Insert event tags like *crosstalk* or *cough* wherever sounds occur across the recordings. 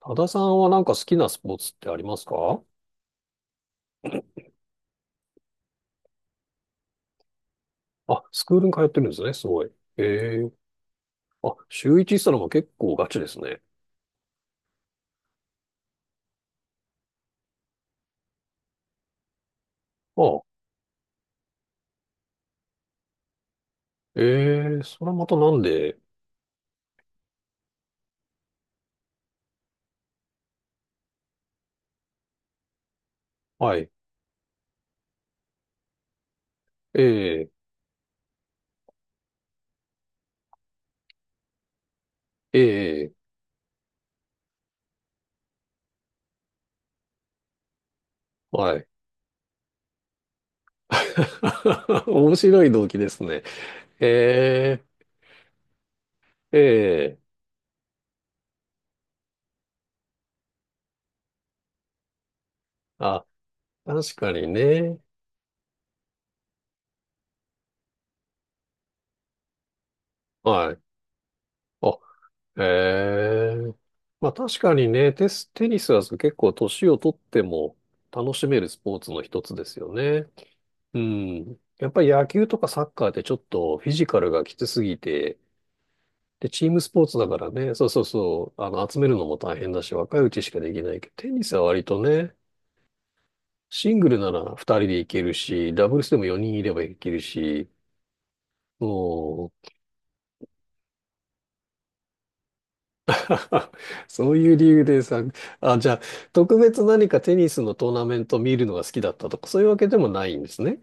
多田さんはなんか好きなスポーツってありますか？あ、スクールに通ってるんですね、すごい。ええ。あ、週一したのも結構ガチですね。あ、ええそれはまたなんで？はい、ええええはい。*laughs* 面白い動機ですね。ええええあ、確かにね。はい。あ、ええまあ確かにね、テニスは結構年をとっても楽しめるスポーツの一つですよね。うん。やっぱり野球とかサッカーってちょっとフィジカルがきつすぎて、で、チームスポーツだからね、そうそうそう、集めるのも大変だし、若いうちしかできないけど、テニスは割とね、シングルなら2人でいけるし、ダブルスでも4人いればいけるし、もう、*laughs* そういう理由でさ、あ、じゃあ、特別何かテニスのトーナメント見るのが好きだったとか、そういうわけでもないんですね。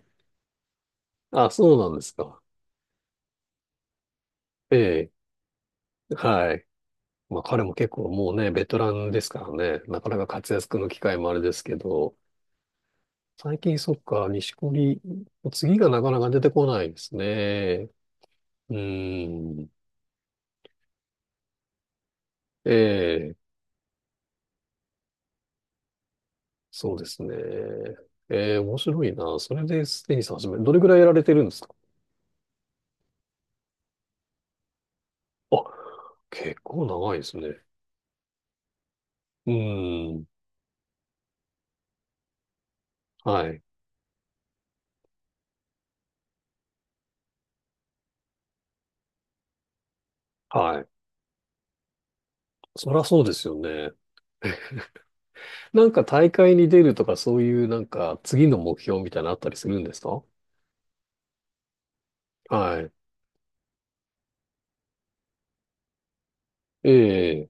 あ、そうなんですか。ええ。はい。まあ彼も結構もうね、ベテランですからね、なかなか活躍の機会もあれですけど、最近そっか、錦織、次がなかなか出てこないですね。うん。ええ、そうですね。ええ、面白いな。それでテニス始め、どれぐらいやられてるんですか？あ、結構長いですね。うん。はい。はい。そりゃそうですよね。なんか大会に出るとか、そういうなんか次の目標みたいなのあったりするんですか？はい。ええ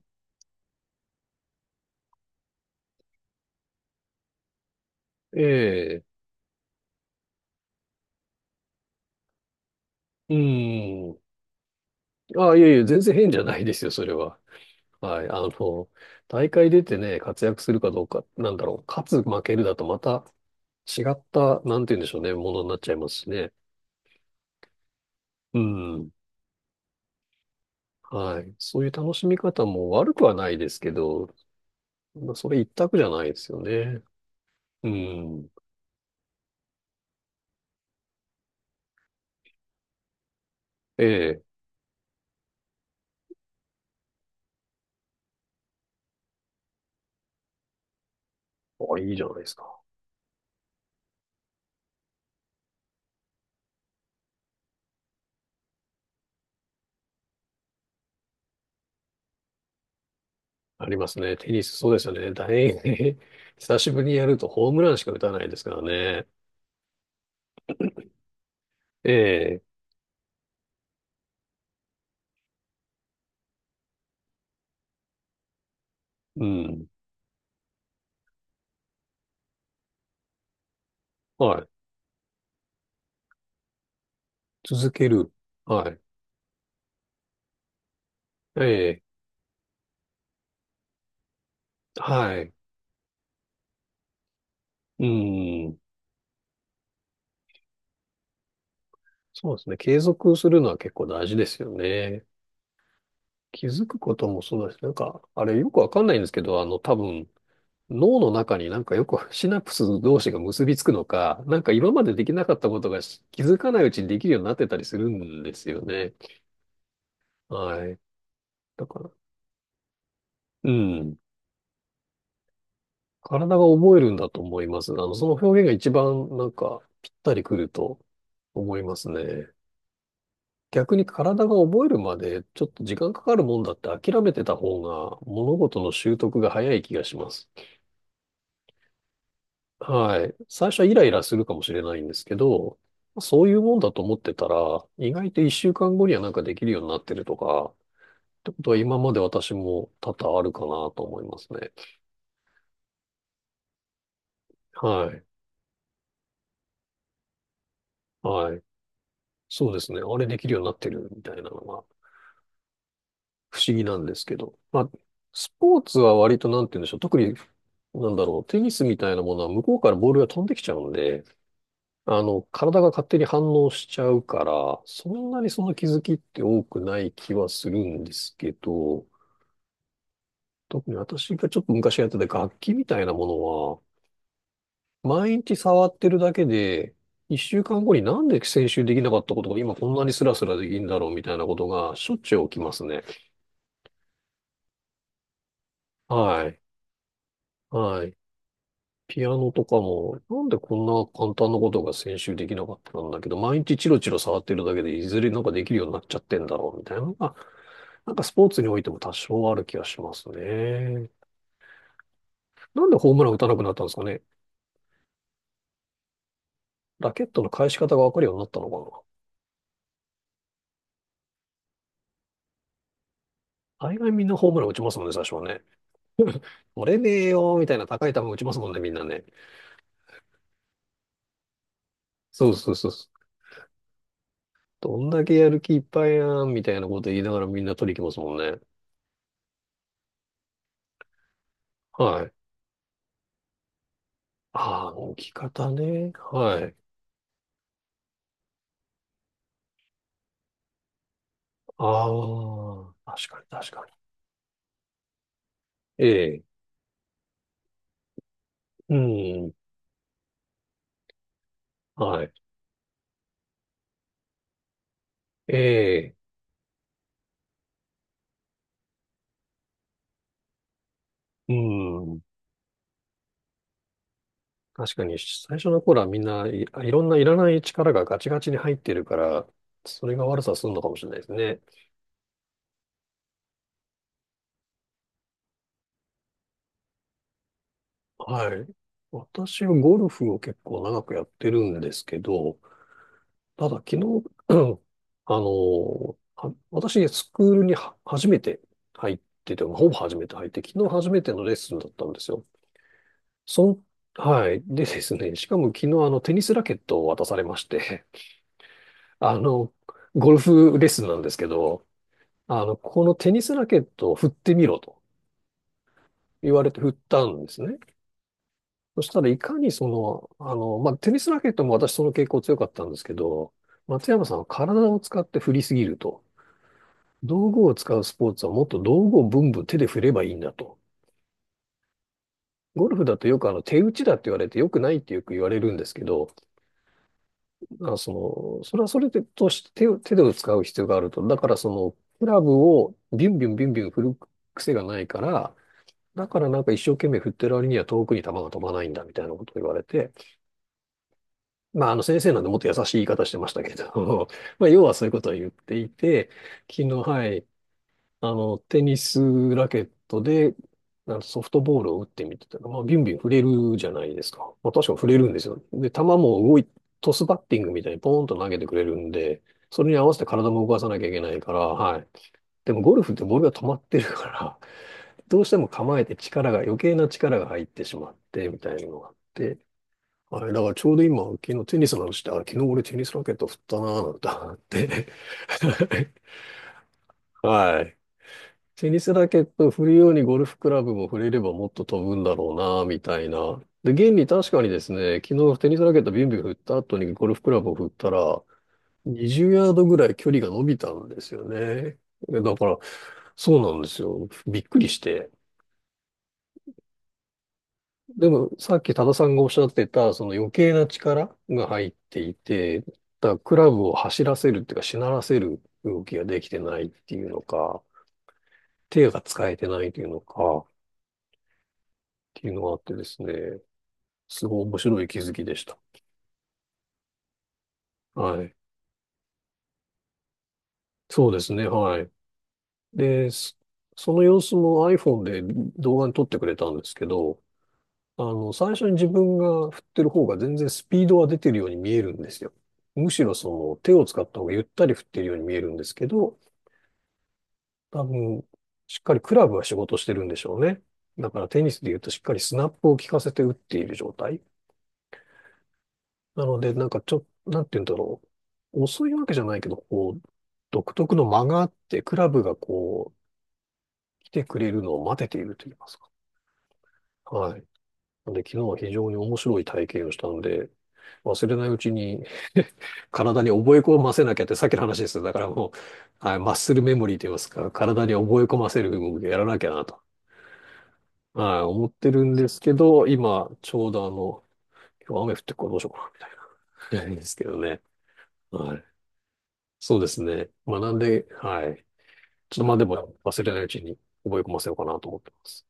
ええ、うん。あ、いやいや、全然変じゃないですよ、それは。はい。大会出てね、活躍するかどうか、なんだろう、勝つ、負けるだとまた違った、なんて言うんでしょうね、ものになっちゃいますしね。うん。はい。そういう楽しみ方も悪くはないですけど、まあそれ一択じゃないですよね。うん。ええ。あ、いいじゃないですか。ありますね。テニス、そうですよね。大変 *laughs* 久しぶりにやるとホームランしか打たないですからね。ええ。うん。はい。続ける。はい。ええ。はい。うん。そうですね。継続するのは結構大事ですよね。気づくこともそうだし、なんか、あれよくわかんないんですけど、多分、脳の中になんかよくシナプス同士が結びつくのか、なんか今までできなかったことがし気づかないうちにできるようになってたりするんですよね。はい。だから、うん。体が覚えるんだと思います。その表現が一番なんかぴったりくると思いますね。逆に体が覚えるまでちょっと時間かかるもんだって諦めてた方が物事の習得が早い気がします。はい。最初はイライラするかもしれないんですけど、そういうもんだと思ってたら、意外と一週間後にはなんかできるようになってるとか、ってことは今まで私も多々あるかなと思いますね。はい。はい。そうですね。あれできるようになってるみたいなのが不思議なんですけど。まあ、スポーツは割となんて言うんでしょう。特に、なんだろう。テニスみたいなものは向こうからボールが飛んできちゃうんで、体が勝手に反応しちゃうから、そんなにその気づきって多くない気はするんですけど、特に私がちょっと昔やってた楽器みたいなものは、毎日触ってるだけで、一週間後になんで先週できなかったことが今こんなにスラスラできるんだろうみたいなことがしょっちゅう起きますね。はい。はい。ピアノとかも、なんでこんな簡単なことが先週できなかったんだけど、毎日チロチロ触ってるだけで、いずれなんかできるようになっちゃってんだろう、みたいなのが、なんかスポーツにおいても多少ある気がしますね。なんでホームラン打たなくなったんですかね。ラケットの返し方がわかるようになったのかな。大概みんなホームラン打ちますもんね、最初はね。折れねえよ、みたいな高い球打ちますもんね、みんなね。そうそうそうそう。どんだけやる気いっぱいやん、みたいなこと言いながらみんな取りに行きますもんね。はい。ああ、置き方ね。はい。ああ、確かに確かに。ええ、うん、はい。ええ、うん。確かに、最初の頃はみんないいろんないらない力がガチガチに入ってるから、それが悪さするのかもしれないですね。はい。私はゴルフを結構長くやってるんですけど、ただ昨日、*clears throat* 私、スクールには初めて入ってて、ほぼ初めて入って、昨日初めてのレッスンだったんですよ。そはい。でですね、*laughs* しかも昨日テニスラケットを渡されまして、*laughs* あの、ゴルフレッスンなんですけど、このテニスラケットを振ってみろと言われて振ったんですね。そしたらいかにまあ、テニスラケットも私その傾向強かったんですけど、松山さんは体を使って振りすぎると。道具を使うスポーツはもっと道具をブンブン手で振ればいいんだと。ゴルフだとよく手打ちだって言われてよくないってよく言われるんですけど、だからそれはそれでとして手で使う必要があると。だからクラブをビュンビュンビュンビュン振る癖がないから、だからなんか一生懸命振ってる割には遠くに球が飛ばないんだみたいなことを言われて、まああの先生なんでもっと優しい言い方してましたけど、*laughs* まあ要はそういうことを言っていて、昨日、はい、テニスラケットで、なんかソフトボールを打ってみてたら、まあ、ビュンビュン振れるじゃないですか。まあ、確かに振れるんですよ。で、球も動い、トスバッティングみたいにポーンと投げてくれるんで、それに合わせて体も動かさなきゃいけないから、はい。でもゴルフってボールが止まってるから、どうしても構えて余計な力が入ってしまって、みたいなのがあって、はい。だからちょうど今、昨日テニスの話して、あ、昨日俺テニスラケット振ったなぁなんて思って、*laughs* はい。テニスラケットを振るようにゴルフクラブも振れればもっと飛ぶんだろうな、みたいな。で、現に確かにですね、昨日テニスラケットビュンビュン振った後にゴルフクラブを振ったら、20ヤードぐらい距離が伸びたんですよね。でだから、そうなんですよ。びっくりして。でも、さっき多田さんがおっしゃってた、その余計な力が入っていて、だからクラブを走らせるっていうか、しならせる動きができてないっていうのか、手が使えてないっていうのか、っていうのがあってですね。すごい面白い気づきでした。はい。そうですね。はい。で、その様子も iPhone で動画に撮ってくれたんですけど、最初に自分が振ってる方が全然スピードは出てるように見えるんですよ。むしろその手を使った方がゆったり振ってるように見えるんですけど、多分、しっかりクラブは仕事してるんでしょうね。だからテニスで言うとしっかりスナップを効かせて打っている状態。なので、なんかちょ、なんて言うんだろう。遅いわけじゃないけど、こう、独特の間があって、クラブがこう、来てくれるのを待てていると言いますか。はい。なので、昨日は非常に面白い体験をしたので、忘れないうちに *laughs* 体に覚え込ませなきゃって、さっきの話ですよ。だからもう、はい、マッスルメモリーと言いますか、体に覚え込ませる動きをやらなきゃなと、はい、思ってるんですけど、今、ちょうど今日雨降ってるからどうしようかな、みたいな、*laughs* ですけどね。はい。そうですね。学んで、はい。ちょっとまあでも忘れないうちに覚え込ませようかなと思ってます。